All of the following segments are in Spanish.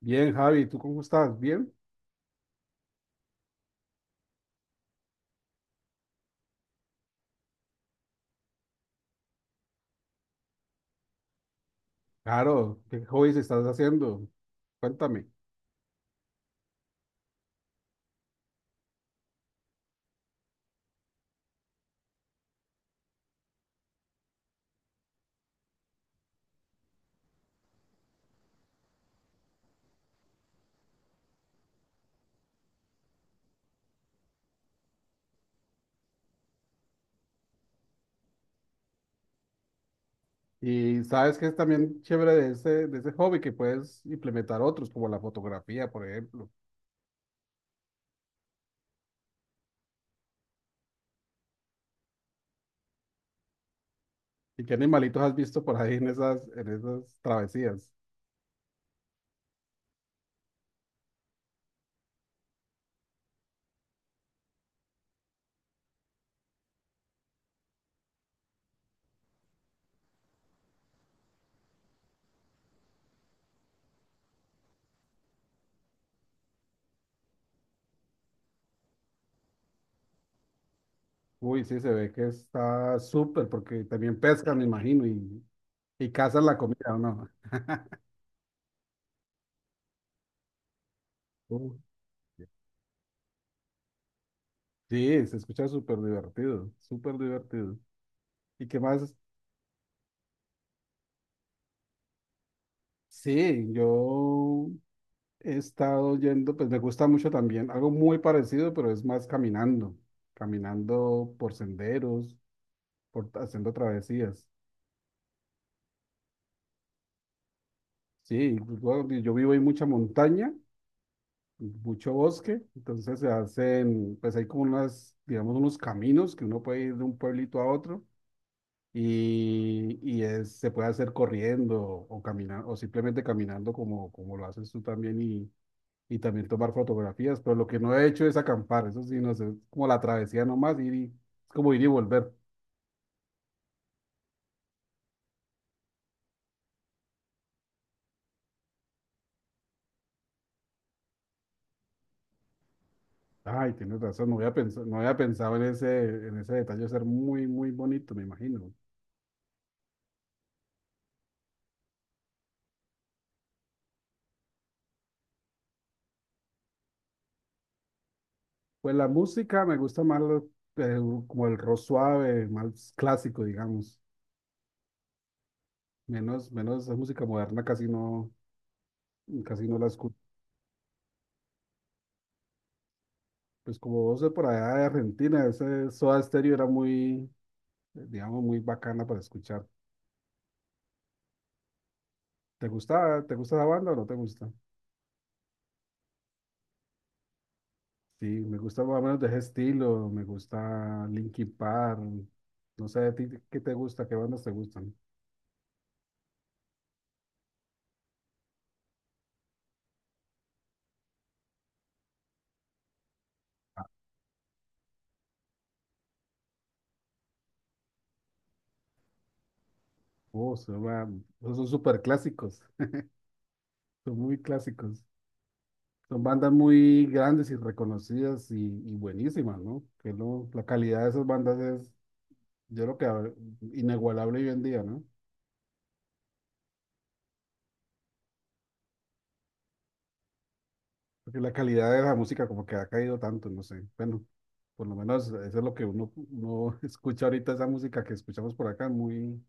Bien, Javi, ¿tú cómo estás? ¿Bien? Claro, ¿qué hobbies estás haciendo? Cuéntame. Y sabes que es también chévere de ese hobby que puedes implementar otros, como la fotografía, por ejemplo. ¿Y qué animalitos has visto por ahí en en esas travesías? Uy, sí, se ve que está súper, porque también pescan, me imagino, y cazan la comida, ¿o no? Uh, Sí, se escucha súper divertido, súper divertido. ¿Y qué más? Sí, yo he estado yendo, pues me gusta mucho también, algo muy parecido, pero es más caminando, caminando por senderos, haciendo travesías. Sí, pues, bueno, y yo vivo en mucha montaña, mucho bosque, entonces se hacen, pues hay como unas, digamos, unos caminos que uno puede ir de un pueblito a otro y se puede hacer corriendo o caminar, o simplemente caminando como lo haces tú también y también tomar fotografías, pero lo que no he hecho es acampar, eso sí, no sé, es como la travesía nomás, ir y, es como ir y volver. Ay, tienes razón, no había pensado, no había pensado en en ese detalle, ser muy, muy bonito, me imagino. Pues la música me gusta más como el rock suave, más clásico, digamos, menos esa música moderna casi no la escucho. Pues como vos de por allá de Argentina, ese Soda Stereo era muy, digamos, muy bacana para escuchar. ¿ Te gusta esa banda o no te gusta? Sí, me gusta más o menos de ese estilo, me gusta Linkin Park, no sé, ¿a ti qué te gusta? ¿Qué bandas te gustan? Oh, esos son súper clásicos, son muy clásicos. Son bandas muy grandes y reconocidas y buenísimas, ¿no? Que la calidad de esas bandas es, yo creo que inigualable hoy en día, ¿no? Porque la calidad de la música como que ha caído tanto, no sé. Bueno, por lo menos eso es lo que uno escucha ahorita, esa música que escuchamos por acá, muy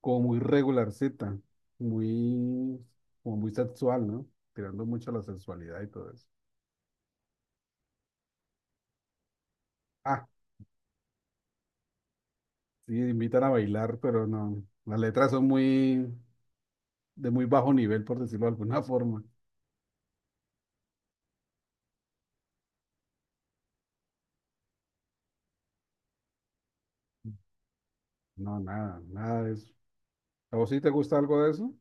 como muy regular regularcita, muy, como muy sexual, ¿no? Tirando mucho a la sensualidad y todo eso. Ah, sí, invitan a bailar, pero no, las letras son de muy bajo nivel, por decirlo de alguna forma. No, nada, nada de eso. ¿A vos sí te gusta algo de eso?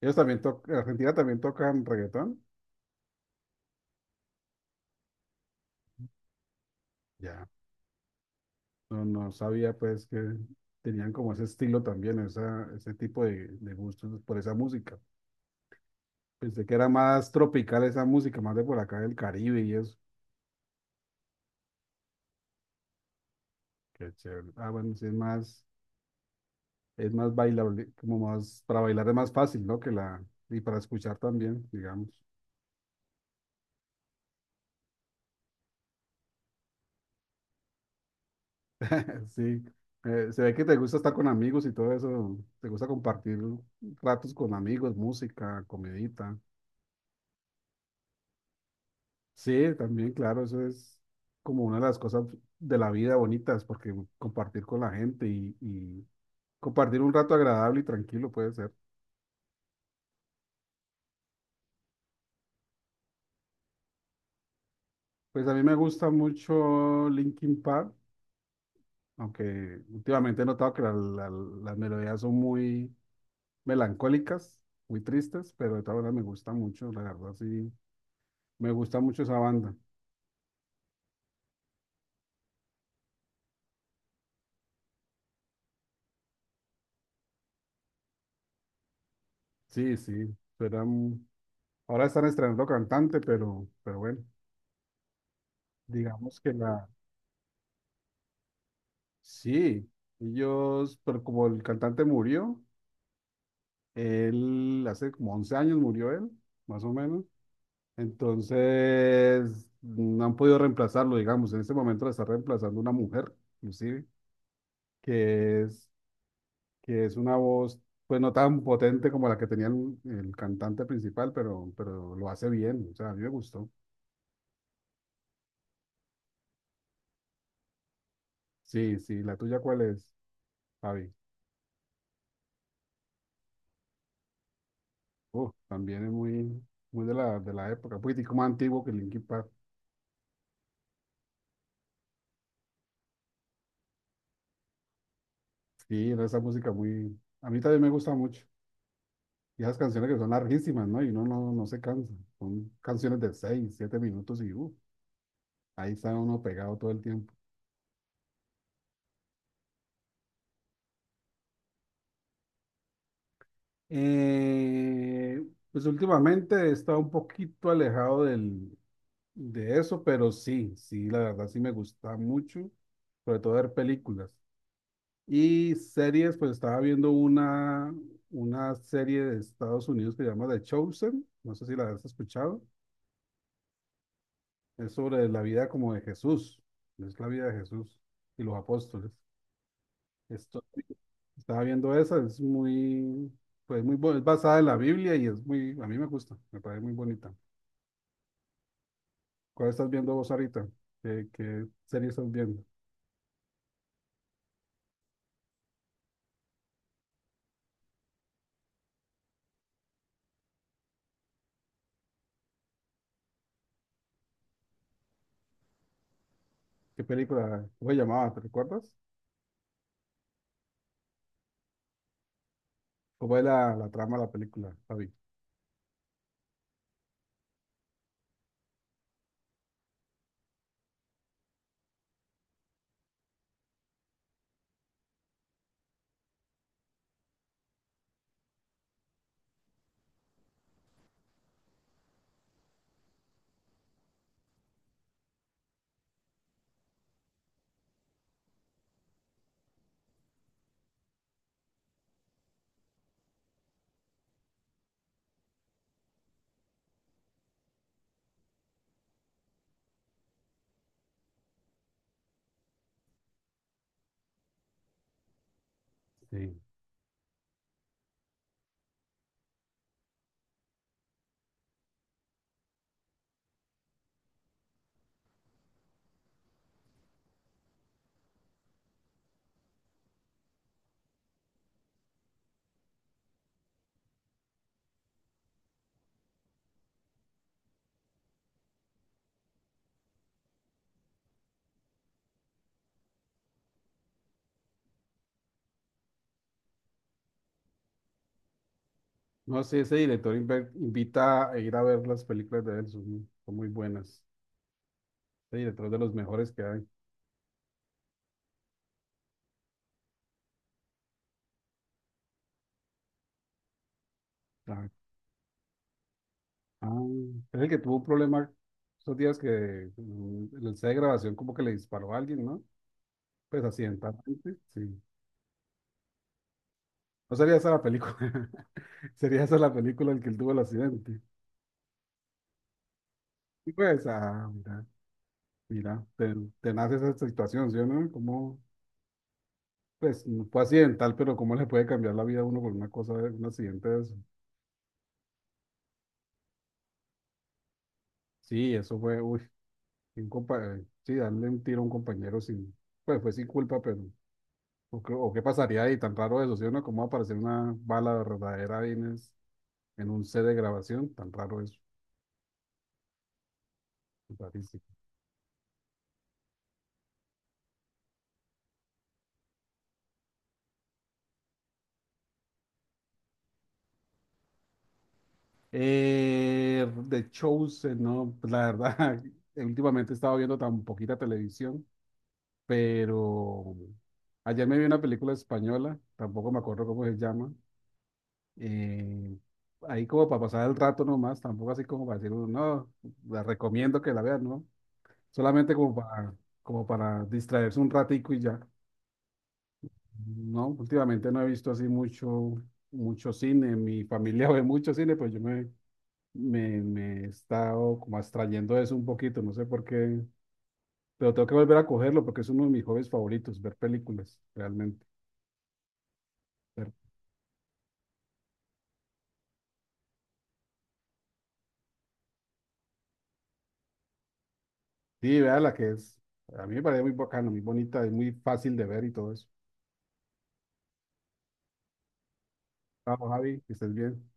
Ellos también tocan, Argentina también tocan reggaetón. Ya, no, no sabía pues que tenían como ese estilo también, ese tipo de gustos por esa música. Pensé que era más tropical esa música, más de por acá del Caribe y eso. Qué chévere. Ah, bueno, sí es más, bailable, para bailar es más fácil, ¿no? Y para escuchar también, digamos. Sí, se ve que te gusta estar con amigos y todo eso, te gusta compartir ratos con amigos, música, comidita. Sí, también, claro, eso es como una de las cosas de la vida bonitas, porque compartir con la gente y compartir un rato agradable y tranquilo puede ser. Pues a mí me gusta mucho Linkin Park, aunque últimamente he notado que las melodías son muy melancólicas, muy tristes, pero de todas maneras me gusta mucho, la verdad sí, me gusta mucho esa banda. Sí, sí, pero ahora están estrenando cantante, pero bueno, digamos que la, sí, ellos, pero como el cantante murió, él hace como 11 años murió él, más o menos, entonces no han podido reemplazarlo, digamos, en este momento lo está reemplazando una mujer, inclusive. Que que es una voz, pues no tan potente como la que tenía el cantante principal, pero lo hace bien, o sea, a mí me gustó. Sí, sí, la tuya cuál es, Javi. Uf, también es muy, muy de de la época, un poquitico más antiguo que Linkin Park. Sí, era esa música muy, a mí también me gusta mucho. Y esas canciones que son larguísimas, ¿no? Y uno no se cansa. Son canciones de 6, 7 minutos y uf, ahí está uno pegado todo el tiempo. Eh, pues últimamente he estado un poquito alejado de eso, pero sí, sí, la verdad sí me gusta mucho, sobre todo ver películas. Y series, pues estaba viendo una serie de Estados Unidos que se llama The Chosen, no sé si la has escuchado, es sobre la vida como de Jesús, es la vida de Jesús y los apóstoles. Esto, Estaba viendo esa, es muy, pues muy, es basada en la Biblia y es muy, a mí me gusta, me parece muy bonita. ¿Cuál estás viendo vos ahorita? ¿Qué serie estás viendo? ¿Qué película? ¿Cómo se llamaba? ¿Te recuerdas? ¿Cómo es la trama de la película, Javi? Sí. No sé, ese director invita a ir a ver las películas de él, son muy buenas. Ese director es de los mejores que hay. Ah, ah, es el que tuvo un problema esos días que en el set de grabación como que le disparó a alguien, ¿no? Pues accidentalmente, sí. No sería esa la película, sería esa la película en que él tuvo el accidente. Y pues, ah, mira. Mira, te nace esa situación, ¿sí o no? Como, pues, no fue accidental, pero cómo le puede cambiar la vida a uno con una cosa, un accidente de eso. Sí, eso fue, uy, sí, darle un tiro a un compañero sin, pues fue sin culpa, pero, o qué pasaría ahí, tan raro eso, ¿sí o no? ¿Cómo va a aparecer una bala verdadera ahí en, en un set de grabación? Tan raro eso, rarísimo. De shows, no, pues, la verdad, últimamente he estado viendo tan poquita televisión, pero ayer me vi una película española, tampoco me acuerdo cómo se llama, eh, ahí como para pasar el rato nomás, tampoco así como para decir, no, la recomiendo que la vean, ¿no?". Solamente como para, distraerse un ratico y ya. No, últimamente no he visto así mucho, mucho cine, mi familia ve mucho cine, pues yo me he estado como abstrayendo de eso un poquito, no sé por qué, pero tengo que volver a cogerlo porque es uno de mis hobbies favoritos, ver películas, realmente. Ver Sí, vea la que es. A mí me parece muy bacano, muy bonita, es muy fácil de ver y todo eso. Vamos, Javi, que estés bien.